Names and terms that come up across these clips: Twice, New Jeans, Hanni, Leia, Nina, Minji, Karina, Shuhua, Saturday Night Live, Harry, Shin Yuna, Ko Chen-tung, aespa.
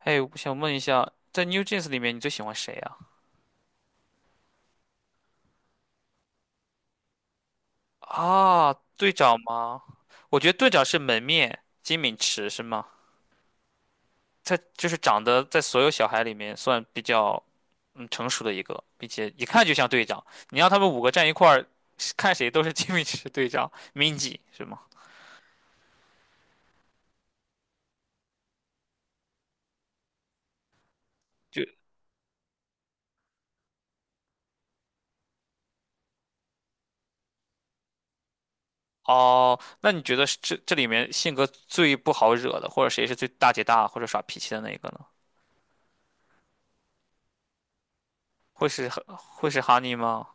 哎，我想问一下，在 New Jeans 里面你最喜欢谁啊？啊，队长吗？我觉得队长是门面金敏池是吗？他就是长得在所有小孩里面算比较成熟的一个，并且一看就像队长。你让他们五个站一块儿，看谁都是金敏池队长 Minji 是吗？就哦，那你觉得是这里面性格最不好惹的，或者谁是最大姐大或者耍脾气的那一个呢？会是哈尼吗？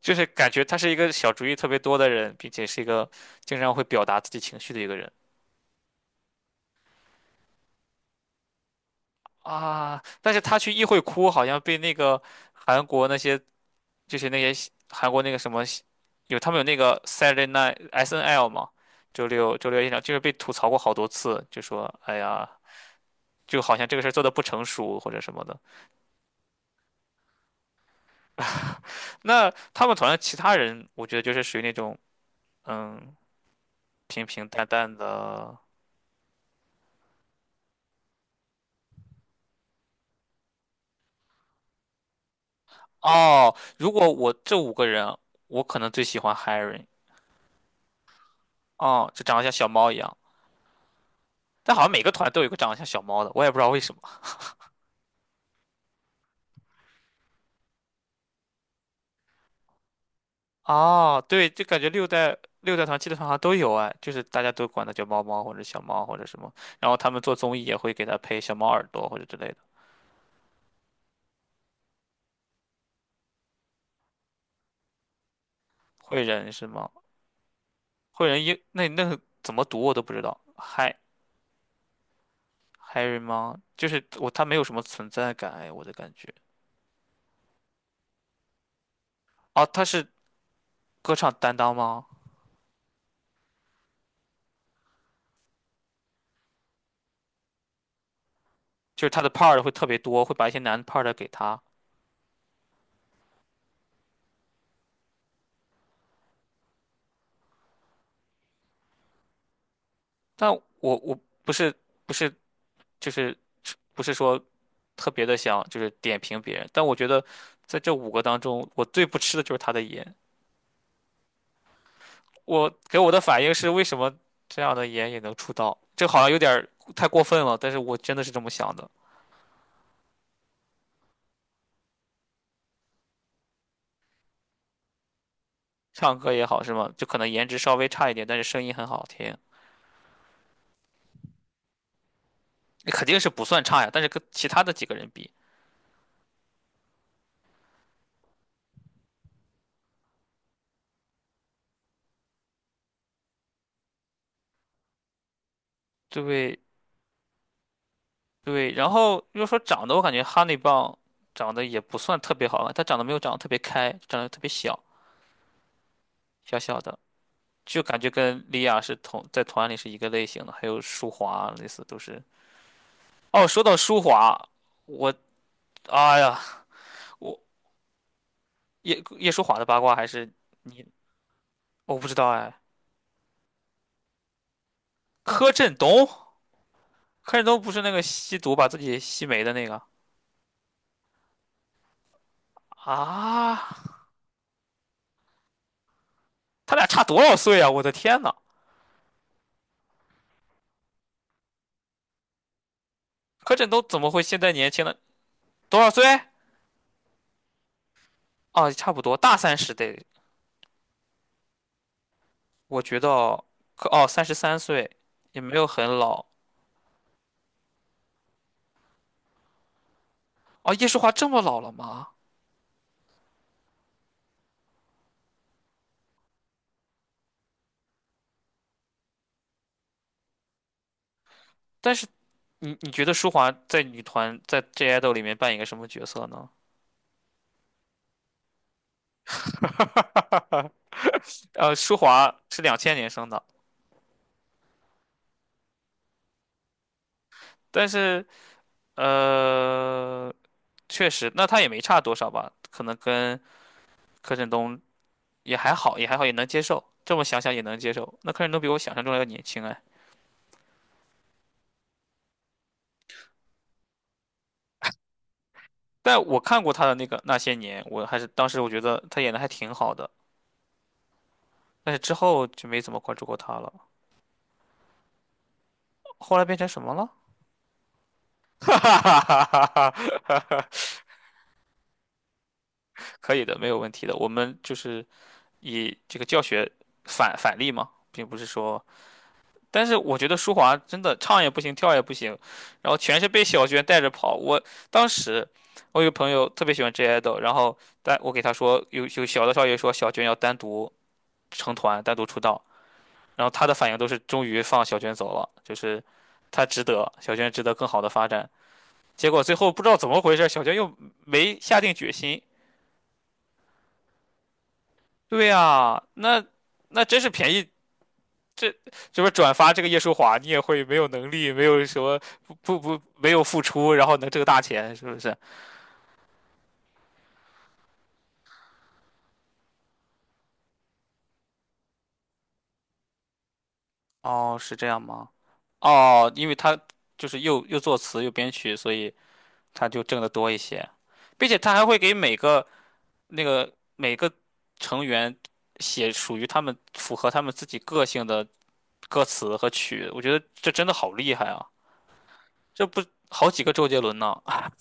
就是感觉他是一个小主意特别多的人，并且是一个经常会表达自己情绪的一个人啊。但是他去议会哭，好像被那个韩国那些就是那些韩国那个什么他们有那个 Saturday Night SNL 嘛，周六夜场就是被吐槽过好多次，就说哎呀，就好像这个事儿做的不成熟或者什么的。那他们团的其他人，我觉得就是属于那种嗯平平淡淡的。哦，如果我这五个人，我可能最喜欢 Harry。哦，就长得像小猫一样，但好像每个团都有一个长得像小猫的，我也不知道为什么。哦，对，就感觉六代团、七代团好像都有哎，就是大家都管它叫猫猫或者小猫或者什么，然后他们做综艺也会给他配小猫耳朵或者之类的。惠人是吗？惠人英那个怎么读我都不知道 Harry 吗？就是我他没有什么存在感哎，我的感觉。哦，他是歌唱担当吗？就是他的 part 会特别多，会把一些难的 part 给他。但我不是不是就是不是说特别的想就是点评别人，但我觉得在这五个当中，我最不吃的就是他的颜。我给我的反应是，为什么这样的颜也能出道？这好像有点儿太过分了，但是我真的是这么想的。唱歌也好是吗？就可能颜值稍微差一点，但是声音很好听，肯定是不算差呀。但是跟其他的几个人比，对。对，然后要说长得，我感觉哈密棒长得也不算特别好看，它长得没有长得特别开，长得特别小，小小的，就感觉跟莉亚是同在团里是一个类型的。还有舒华啊，类似都是。哦，说到舒华，我哎呀，我叶舒华的八卦还是你，我不知道哎。柯震东，柯震东不是那个吸毒把自己吸没的那个啊？他俩差多少岁啊？我的天呐，柯震东怎么会现在年轻呢？多少岁？哦，差不多大三十得，我觉得哦，33岁也没有很老哦。叶舒华这么老了吗？但是你觉得舒华在女团在 J IDOL 里面扮演一个什么角色呢？舒华是2000年生的，但是呃，确实，那他也没差多少吧？可能跟柯震东也还好，也还好，也能接受。这么想想也能接受。那柯震东比我想象中要年轻哎。但我看过他的那个那些年，我还是当时我觉得他演的还挺好的，但是之后就没怎么关注过他了。后来变成什么了？哈哈哈哈哈哈！可以的，没有问题的。我们就是以这个教学反例嘛，并不是说，但是我觉得舒华真的唱也不行，跳也不行，然后全是被小娟带着跑。我当时我有个朋友特别喜欢 J idol，然后但我给他说有小的少爷说小娟要单独成团，单独出道。然后他的反应都是终于放小娟走了，就是他值得，小娟值得更好的发展。结果最后不知道怎么回事，小娟又没下定决心。对呀，那真是便宜，这这不转发这个叶舒华，你也会没有能力，没有什么不不不没有付出，然后能挣大钱，是不是？哦，是这样吗？哦，因为他就是又作词又编曲，所以他就挣得多一些，并且他还会给每个成员写属于他们符合他们自己个性的歌词和曲，我觉得这真的好厉害啊！这不好几个周杰伦呢？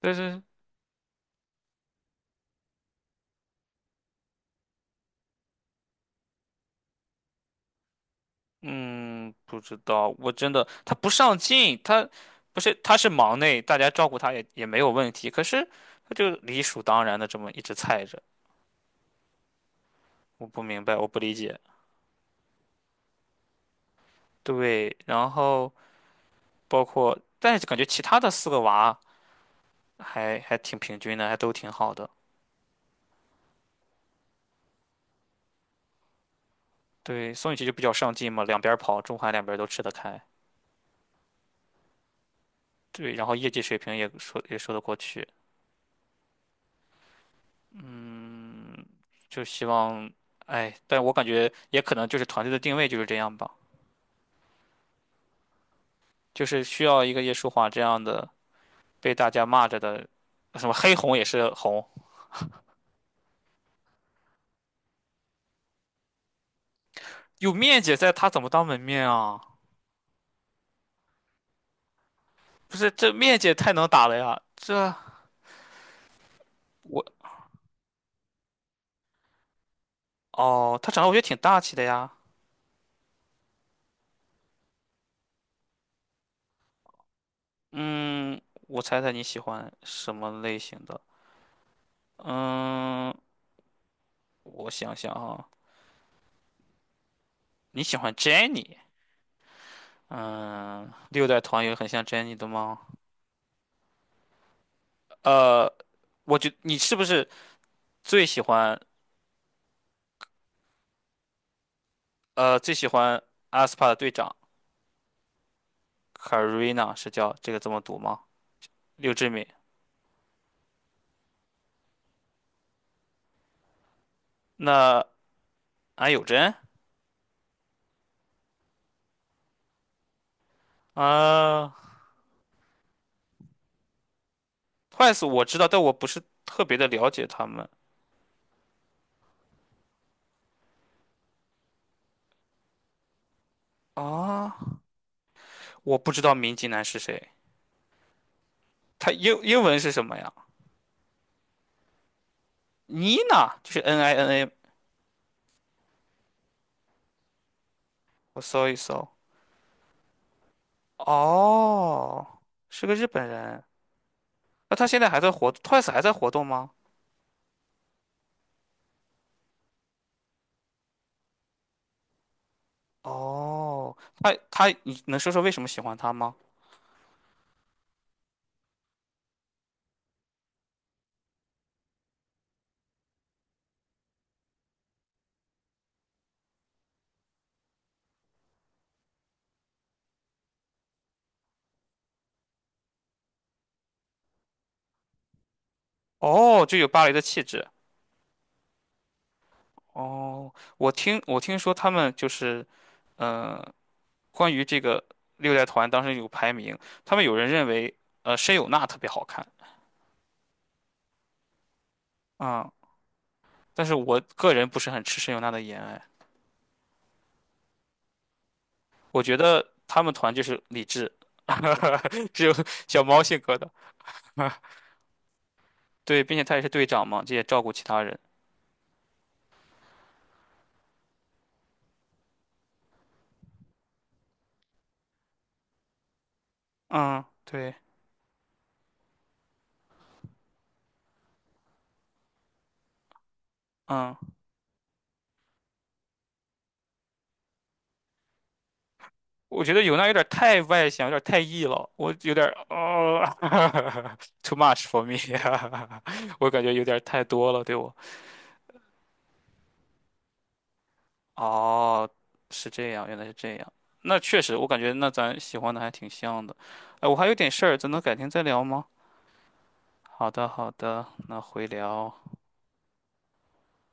但是，嗯，不知道，我真的他不上进，他不是他是忙内，大家照顾他也没有问题，可是他就理所当然的这么一直菜着，我不明白，我不理解。对，然后包括，但是感觉其他的四个娃还挺平均的，还都挺好的。对，宋雨琦就比较上进嘛，两边儿跑，中韩两边儿都吃得开。对，然后业绩水平也说得过去。嗯，就希望，哎，但我感觉也可能就是团队的定位就是这样吧，就是需要一个叶舒华这样的被大家骂着的，什么黑红也是红，有面姐在，她怎么当门面啊？不是，这面姐太能打了呀！我哦，她长得我觉得挺大气的呀。嗯，我猜猜你喜欢什么类型的？嗯。我想想啊，你喜欢 j e n n i 嗯，六代团有很像 j e n n i 的吗？呃，我觉你是不是最喜欢呃最喜欢阿斯帕的队长 Karina 是叫这个这么读吗？六之敏，那安有真啊，Twice 我知道，但我不是特别的了解他们啊，我不知道明基男是谁，他英文是什么呀？Nina 就是 N I N A，我搜一搜，哦，是个日本人。那他现在还在活，Twice 还在活动吗？哦，他，你能说说为什么喜欢他吗？哦，就有芭蕾的气质。哦，我听说他们就是，呃，关于这个六代团当时有排名，他们有人认为申有娜特别好看啊、但是我个人不是很吃申有娜的颜，哎，我觉得他们团就是理智，只有小猫性格的，对，并且他也是队长嘛，这也照顾其他人。嗯，对，嗯。我觉得有娜有点太外向，有点太 E 了，我有点哦 ，too much for me，我感觉有点太多了，对我。哦，是这样，原来是这样。那确实，我感觉那咱喜欢的还挺像的。哎，我还有点事儿，咱能改天再聊吗？好的，好的，那回聊。